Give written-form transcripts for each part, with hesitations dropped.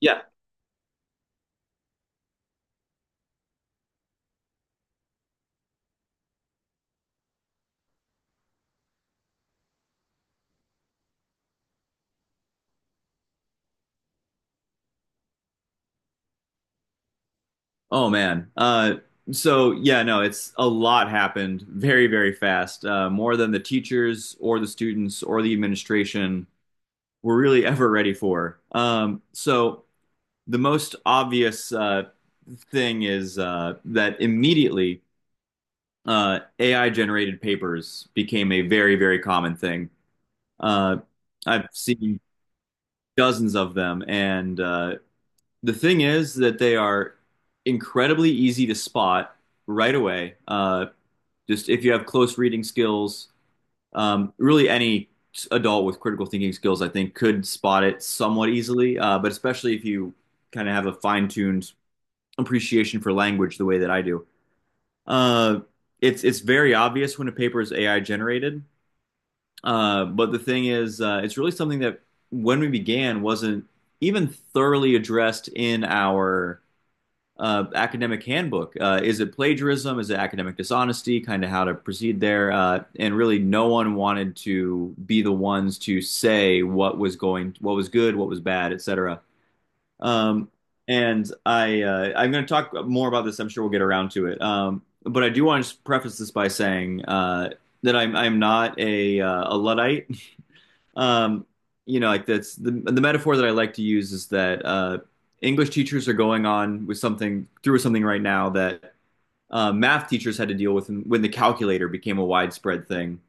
Yeah. Oh man. No, it's a lot happened very fast. More than the teachers or the students or the administration were really ever ready for. So the most obvious thing is that immediately AI generated papers became a very common thing. Uh, I've seen dozens of them, and the thing is that they are incredibly easy to spot right away. Just if you have close reading skills, really any adult with critical thinking skills, I think, could spot it somewhat easily. But especially if you kind of have a fine-tuned appreciation for language, the way that I do, uh, it's very obvious when a paper is AI generated. But the thing is, it's really something that when we began wasn't even thoroughly addressed in our academic handbook. Is it plagiarism? Is it academic dishonesty? Kind of how to proceed there. And really, no one wanted to be the ones to say what was going, what was good, what was bad, etc. Um, and I'm going to talk more about this. I'm sure we'll get around to it. But I do want to preface this by saying that I'm not a luddite. um, you know, like, that's the metaphor that I like to use, is that English teachers are going on with something through something right now that math teachers had to deal with when the calculator became a widespread thing.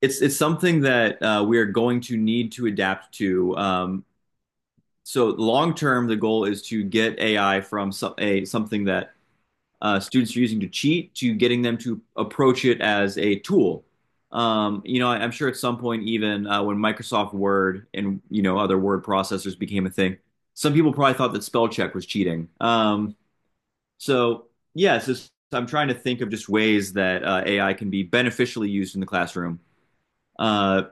It's something that we are going to need to adapt to. So long term, the goal is to get AI from a something that students are using to cheat to getting them to approach it as a tool. You know, I am sure at some point, even when Microsoft Word and, you know, other word processors became a thing, some people probably thought that spell check was cheating. So yes, yeah, so I'm trying to think of just ways that AI can be beneficially used in the classroom uh,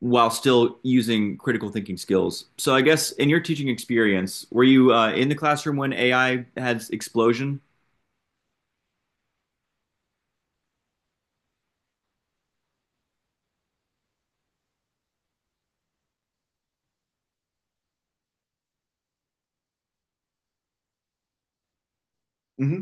while still using critical thinking skills. So I guess, in your teaching experience, were you in the classroom when AI had explosion? Mm-hmm,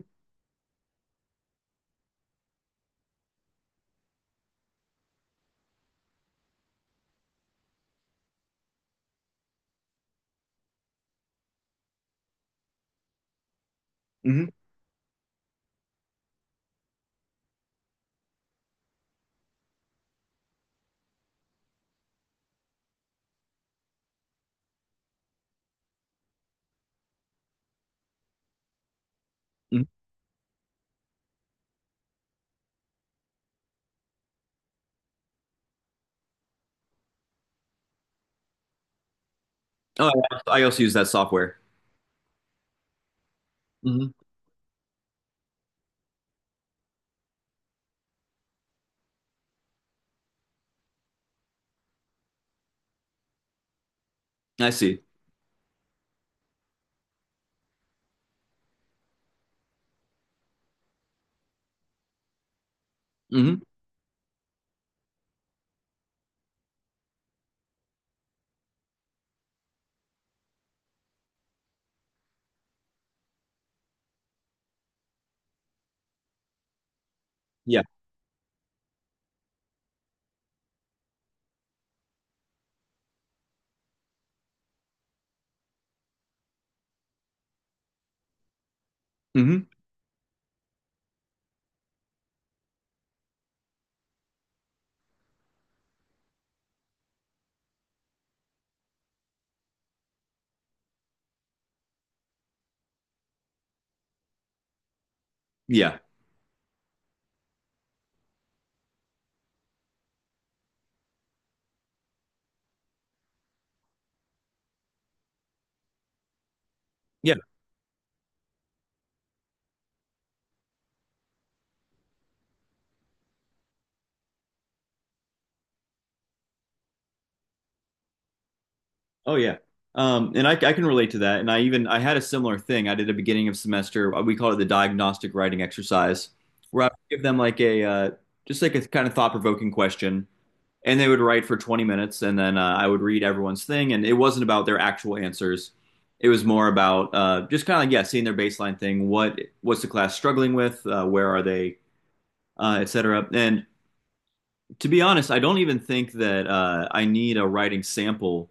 mm-hmm. Mm-hmm. Oh, yeah. I also use that software. Hmm. I see. Hmm. Yeah. Hmm. Yeah. Yeah. Oh, yeah. And I can relate to that. And I had a similar thing. I did a beginning of semester. We call it the diagnostic writing exercise, where I would give them like a just like a kind of thought provoking question, and they would write for 20 minutes, and then I would read everyone's thing. And it wasn't about their actual answers. It was more about just kind of, like, yeah, seeing their baseline thing. What's the class struggling with? Where are they? Et cetera. And to be honest, I don't even think that I need a writing sample,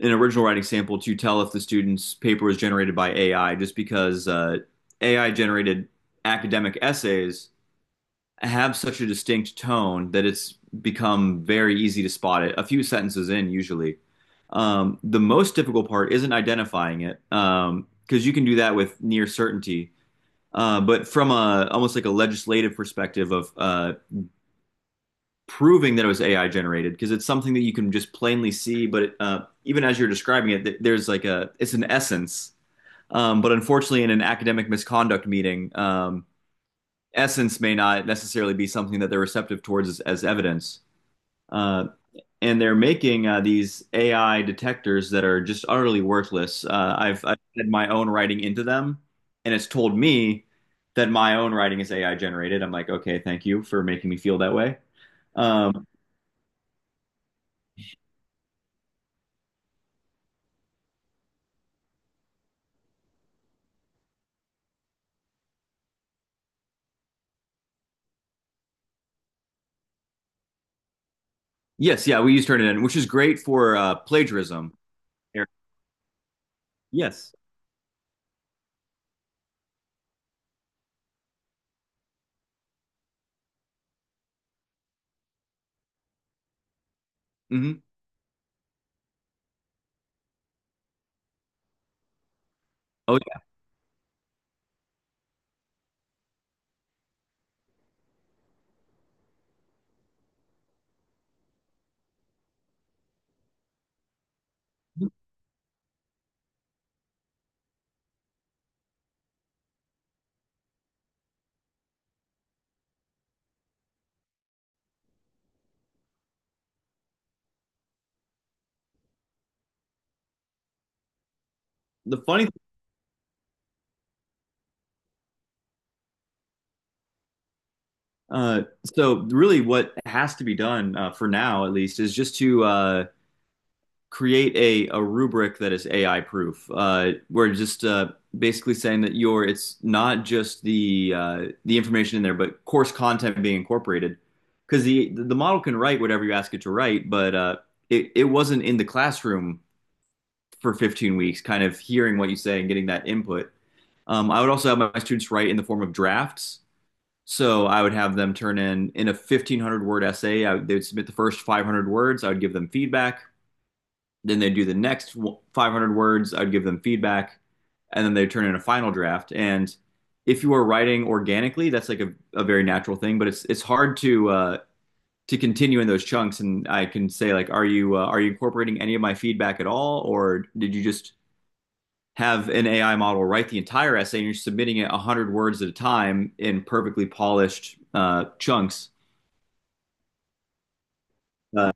an original writing sample, to tell if the student's paper was generated by AI, just because AI generated academic essays have such a distinct tone that it's become very easy to spot it a few sentences in, usually. The most difficult part isn't identifying it, because you can do that with near certainty. But from a almost like a legislative perspective of proving that it was AI generated, because it's something that you can just plainly see. But it, even as you're describing it, there's like a it's an essence. But unfortunately, in an academic misconduct meeting, essence may not necessarily be something that they're receptive towards as evidence. Uh, and they're making these AI detectors that are just utterly worthless. I've had my own writing into them, and it's told me that my own writing is AI generated. I'm like, okay, thank you for making me feel that way. Um, Yes, yeah, we use Turnitin, which is great for plagiarism. Here. Yes. Hmm. Oh, yeah. The funny, thing, uh, so really, what has to be done, for now, at least, is just to create a rubric that is AI proof. We're just basically saying that your it's not just the information in there, but course content being incorporated, because the model can write whatever you ask it to write, but it wasn't in the classroom for 15 weeks, kind of hearing what you say and getting that input. I would also have my students write in the form of drafts. So I would have them turn in a 1500 word essay. I would, they would submit the first 500 words. I would give them feedback. Then they'd do the next 500 words. I'd give them feedback, and then they'd turn in a final draft. And if you are writing organically, that's like a very natural thing. But it's hard to continue in those chunks. And I can say, like, are you incorporating any of my feedback at all, or did you just have an AI model write the entire essay, and you're submitting it 100 words at a time in perfectly polished chunks. Uh,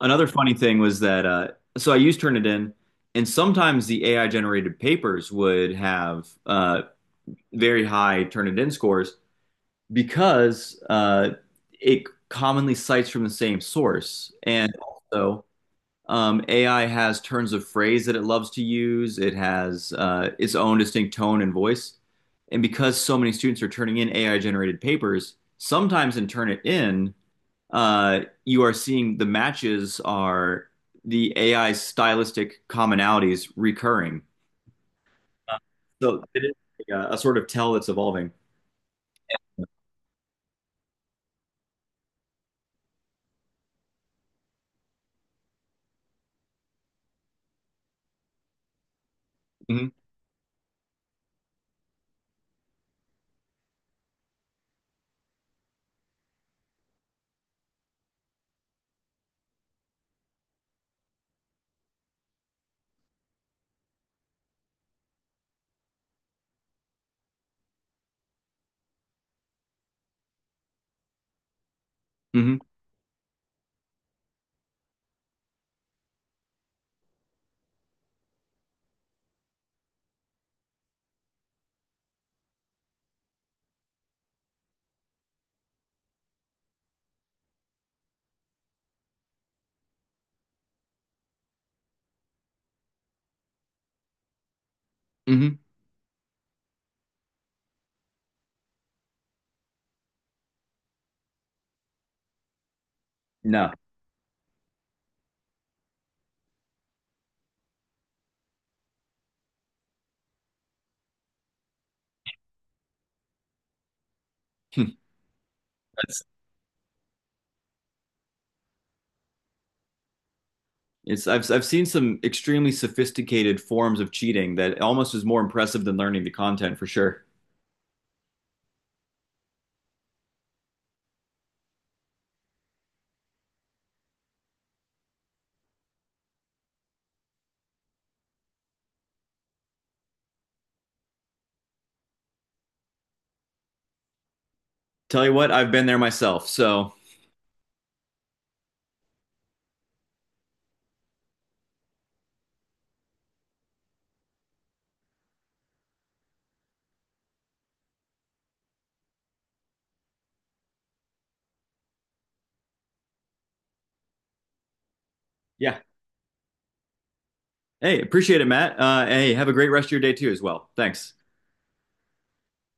another funny thing was that, so I used Turnitin, and sometimes the AI generated papers would have very high Turnitin scores because it commonly cites from the same source. And also, AI has turns of phrase that it loves to use. It has its own distinct tone and voice. And because so many students are turning in AI generated papers, sometimes in Turnitin, you are seeing the matches are the AI stylistic commonalities recurring. Uh, So it is a sort of tell that's evolving. Hmm. Hmm. Hmm. No, that's— It's I've seen some extremely sophisticated forms of cheating that almost is more impressive than learning the content, for sure. Tell you what, I've been there myself. So yeah. Hey, appreciate it, Matt. Hey, have a great rest of your day too as well. Thanks.